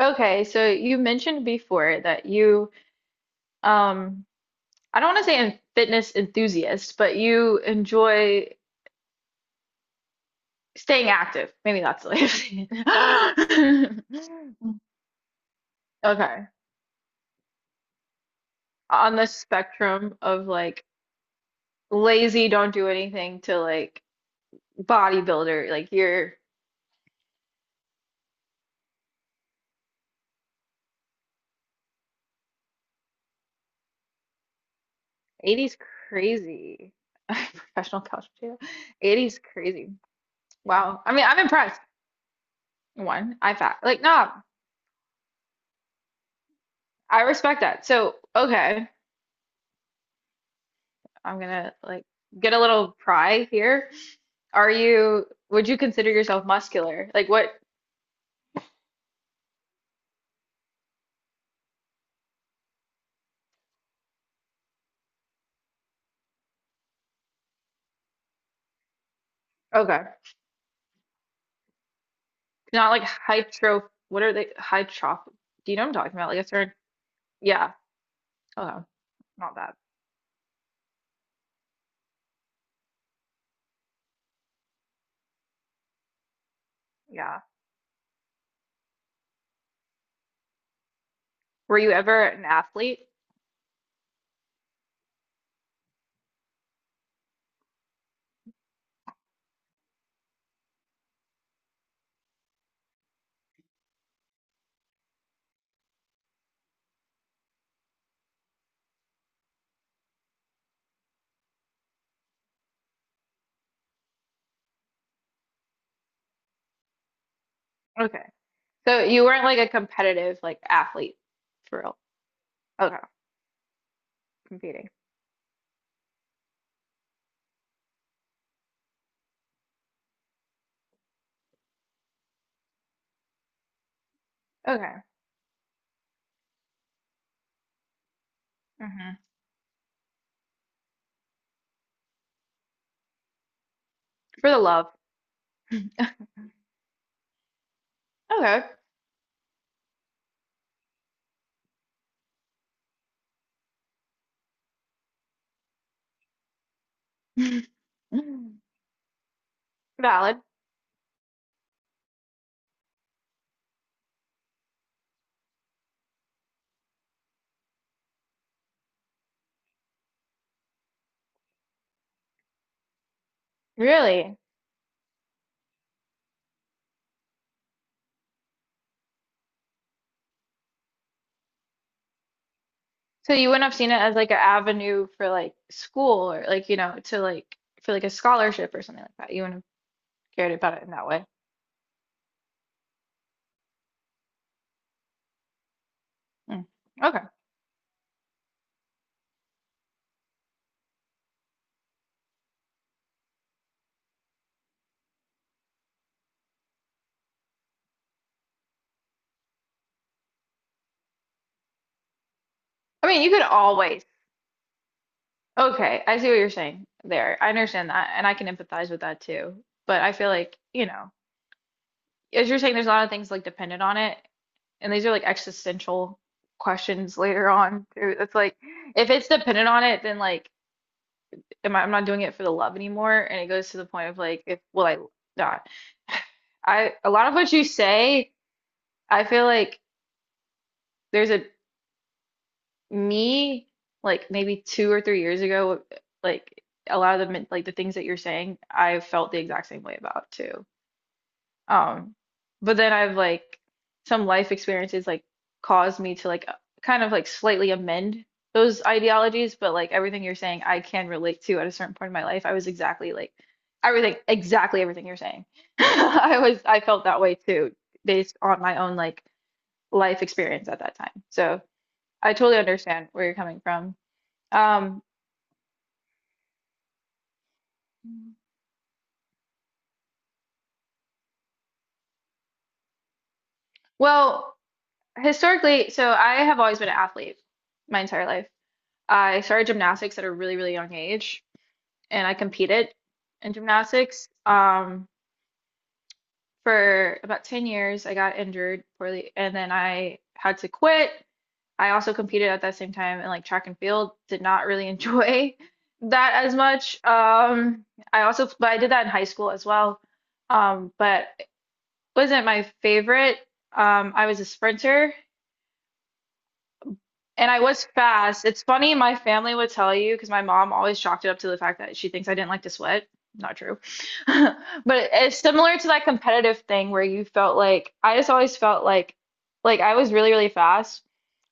Okay, so you mentioned before that you, um, I don't want to say a fitness enthusiast, but you enjoy staying active. Maybe that's the way of saying it. Okay, on the spectrum of like lazy, don't do anything to like bodybuilder, like you're 80's crazy. Professional couch potato. 80's crazy. Wow. I mean, I'm impressed. One, I fat. Like, no, I respect that. So, okay. I'm gonna like get a little pry here. Are you, would you consider yourself muscular? Like what? Okay. Not like hypertroph, what are they? Hypertroph. Do you know what I'm talking about? Like a certain, yeah. Oh, not that. Yeah. Were you ever an athlete? Okay. So you weren't like a competitive like athlete for real. Okay. Competing. Okay. Hmm. For the love. Okay. Valid. Really? So you wouldn't have seen it as like an avenue for like school or like, to like for like a scholarship or something like that. You wouldn't have cared about it in that way. Mm. Okay. I mean, you could always. Okay, I see what you're saying there. I understand that and I can empathize with that too. But I feel like, as you're saying, there's a lot of things like dependent on it, and these are like existential questions later on too. It's like if it's dependent on it, then like I'm not doing it for the love anymore. And it goes to the point of like, if will I not? I A lot of what you say, I feel like there's a me like maybe 2 or 3 years ago, like a lot of the things that you're saying, I felt the exact same way about too. Um, but then I've like some life experiences like caused me to like kind of like slightly amend those ideologies, but like everything you're saying, I can relate to at a certain point in my life. I was exactly like everything, exactly everything you're saying. I felt that way too, based on my own like life experience at that time. So I totally understand where you're coming from. Um, well, historically, so I have always been an athlete my entire life. I started gymnastics at a really, really young age, and I competed in gymnastics for about 10 years. I got injured poorly, and then I had to quit. I also competed at that same time in like track and field. Did not really enjoy that as much. But I did that in high school as well. But it wasn't my favorite. I was a sprinter, and I was fast. It's funny, my family would tell you because my mom always chalked it up to the fact that she thinks I didn't like to sweat. Not true. But it's similar to that competitive thing where you felt like I just always felt like I was really, really fast.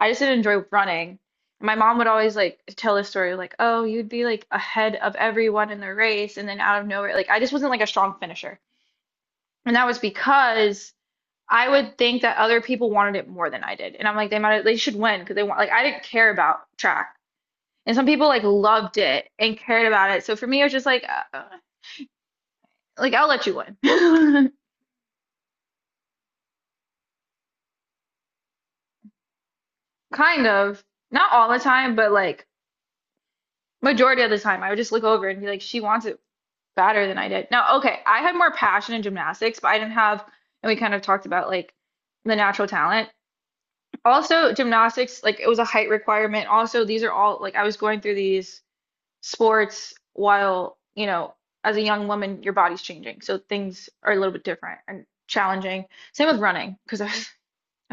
I just didn't enjoy running. My mom would always like tell this story like, "Oh, you'd be like ahead of everyone in the race and then out of nowhere." Like I just wasn't like a strong finisher. And that was because I would think that other people wanted it more than I did. And I'm like, they should win because they want like I didn't care about track. And some people like loved it and cared about it. So for me, it was just like I'll let you win. Kind of. Not all the time, but like majority of the time, I would just look over and be like, she wants it better than I did. Now, okay, I had more passion in gymnastics, but I didn't have, and we kind of talked about like the natural talent. Also, gymnastics, like it was a height requirement. Also, these are all like I was going through these sports while, as a young woman, your body's changing. So things are a little bit different and challenging. Same with running, because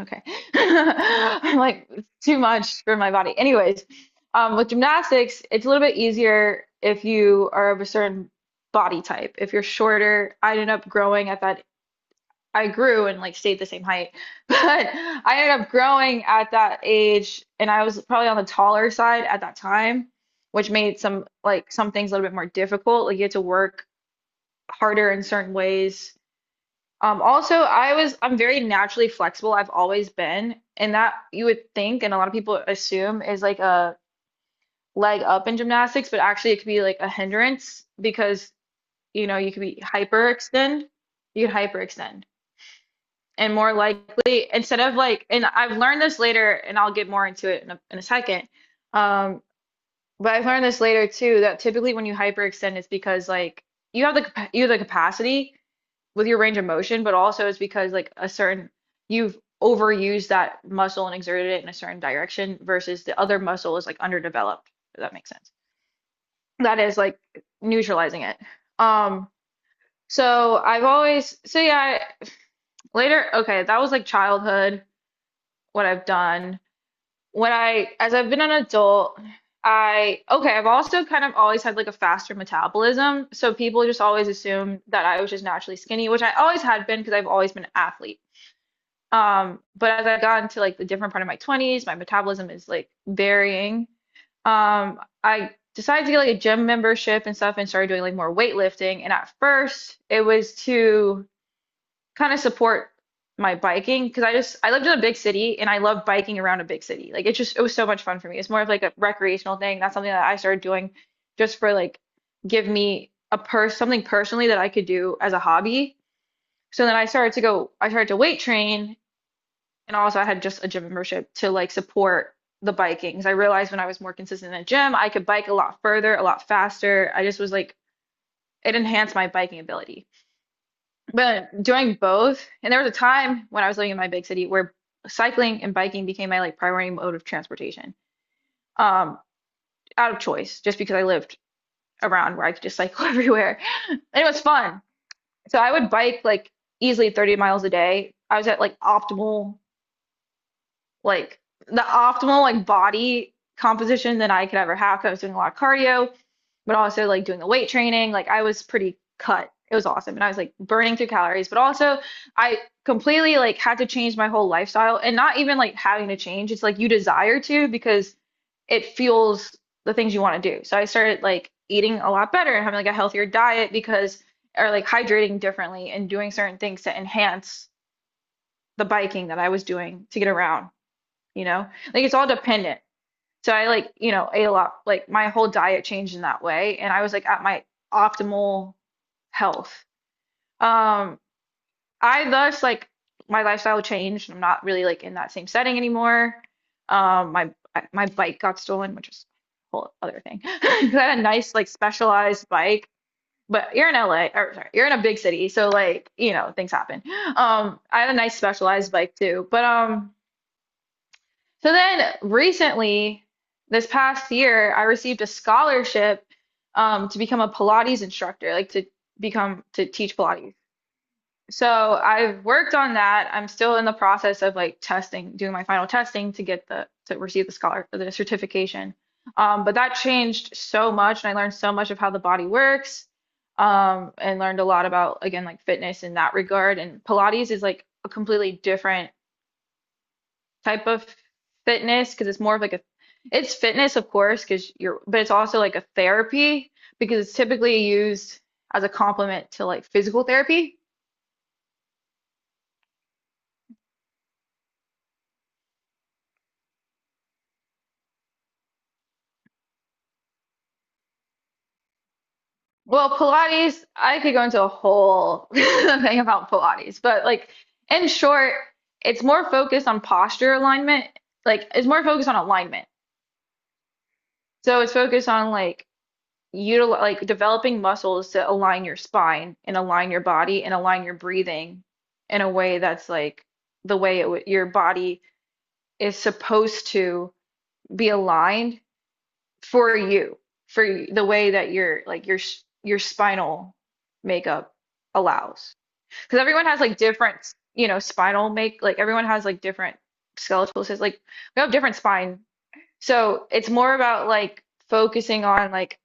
okay. I'm like, it's too much for my body. Anyways, with gymnastics, it's a little bit easier if you are of a certain body type. If you're shorter, I ended up growing at that I grew and like stayed the same height, but I ended up growing at that age, and I was probably on the taller side at that time, which made some things a little bit more difficult. Like you had to work harder in certain ways. Also, I'm very naturally flexible. I've always been, and that you would think, and a lot of people assume is like a leg up in gymnastics, but actually it could be like a hindrance because you know you could hyperextend. And more likely instead of like and I've learned this later and I'll get more into it in a second, um but I've learned this later too that typically when you hyperextend it's because like you have the you have the capacity with your range of motion, but also it's because like a certain you've overused that muscle and exerted it in a certain direction versus the other muscle is like underdeveloped, if that makes sense, that is like neutralizing it. um so I've always, so yeah, later, okay, that was like childhood, what I've done. As I've been an adult, okay, I've also kind of always had like a faster metabolism. So people just always assume that I was just naturally skinny, which I always had been because I've always been an athlete. But as I got into like the different part of my 20s, my metabolism is like varying. Um, I decided to get like a gym membership and stuff and started doing like more weightlifting. And at first, it was to kind of support my biking because I lived in a big city and I love biking around a big city. Like it was so much fun for me. It's more of like a recreational thing. That's something that I started doing just for like give me a purse something personally that I could do as a hobby. So then I started to weight train, and also I had just a gym membership to like support the biking. 'Cause I realized when I was more consistent in the gym, I could bike a lot further, a lot faster. I just was like it enhanced my biking ability. But doing both, and there was a time when I was living in my big city where cycling and biking became my like primary mode of transportation, um, out of choice, just because I lived around where I could just cycle everywhere. And it was fun. So I would bike like easily 30 miles a day. I was at like optimal like the optimal like body composition that I could ever have. I was doing a lot of cardio, but also like doing the weight training. Like I was pretty cut. It was awesome. And I was like burning through calories, but also I completely like had to change my whole lifestyle and not even like having to change. It's like you desire to because it fuels the things you want to do. So I started like eating a lot better and having like a healthier diet because or like hydrating differently and doing certain things to enhance the biking that I was doing to get around, you know? Like it's all dependent. So I like, ate a lot, like my whole diet changed in that way, and I was like at my optimal health. Um, I thus like my lifestyle changed. I'm not really like in that same setting anymore. Um, my my bike got stolen, which is a whole other thing. 'Cause I had a nice like specialized bike, but you're in LA, or sorry, you're in a big city, so like, things happen. I had a nice specialized bike too, but. So then recently, this past year, I received a scholarship to become a Pilates instructor, like to teach Pilates. So I've worked on that. I'm still in the process of like testing, doing my final testing to receive the certification. But that changed so much, and I learned so much of how the body works, and learned a lot about again like fitness in that regard. And Pilates is like a completely different type of fitness because it's more of like a it's fitness of course because you're but it's also like a therapy because it's typically used as a complement to like physical therapy. Well, Pilates, I could go into a whole thing about Pilates, but like in short, it's more focused on posture alignment. Like it's more focused on alignment. So it's focused on like util like developing muscles to align your spine and align your body and align your breathing in a way that's like the way it w your body is supposed to be aligned for you, the way that your like your s- your spinal makeup allows. Because everyone has like different, spinal make like everyone has like different skeletal systems. Like we have different spine. So it's more about like focusing on like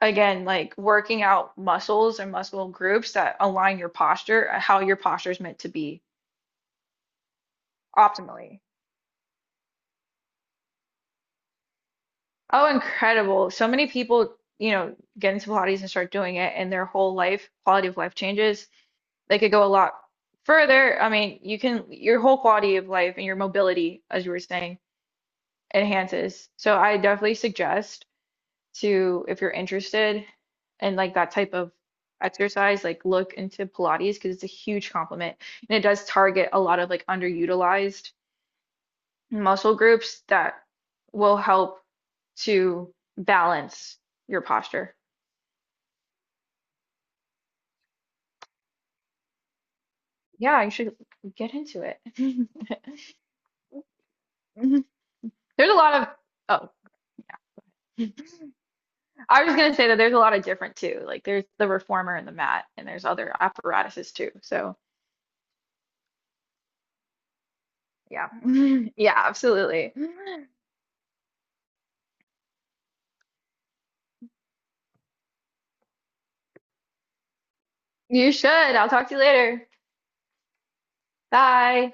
again, like working out muscles and muscle groups that align your posture, how your posture is meant to be optimally. Oh, incredible. So many people, get into Pilates and start doing it, and their whole life, quality of life changes. They could go a lot further. I mean, your whole quality of life and your mobility, as you were saying, enhances. So I definitely suggest. To if you're interested in like that type of exercise, like look into Pilates because it's a huge complement and it does target a lot of like underutilized muscle groups that will help to balance your posture. Yeah, you should get into it. There's a lot of, oh, I was gonna say that there's a lot of different too. Like there's the reformer and the mat, and there's other apparatuses too. So yeah, yeah, absolutely. You should. I'll talk to you later. Bye.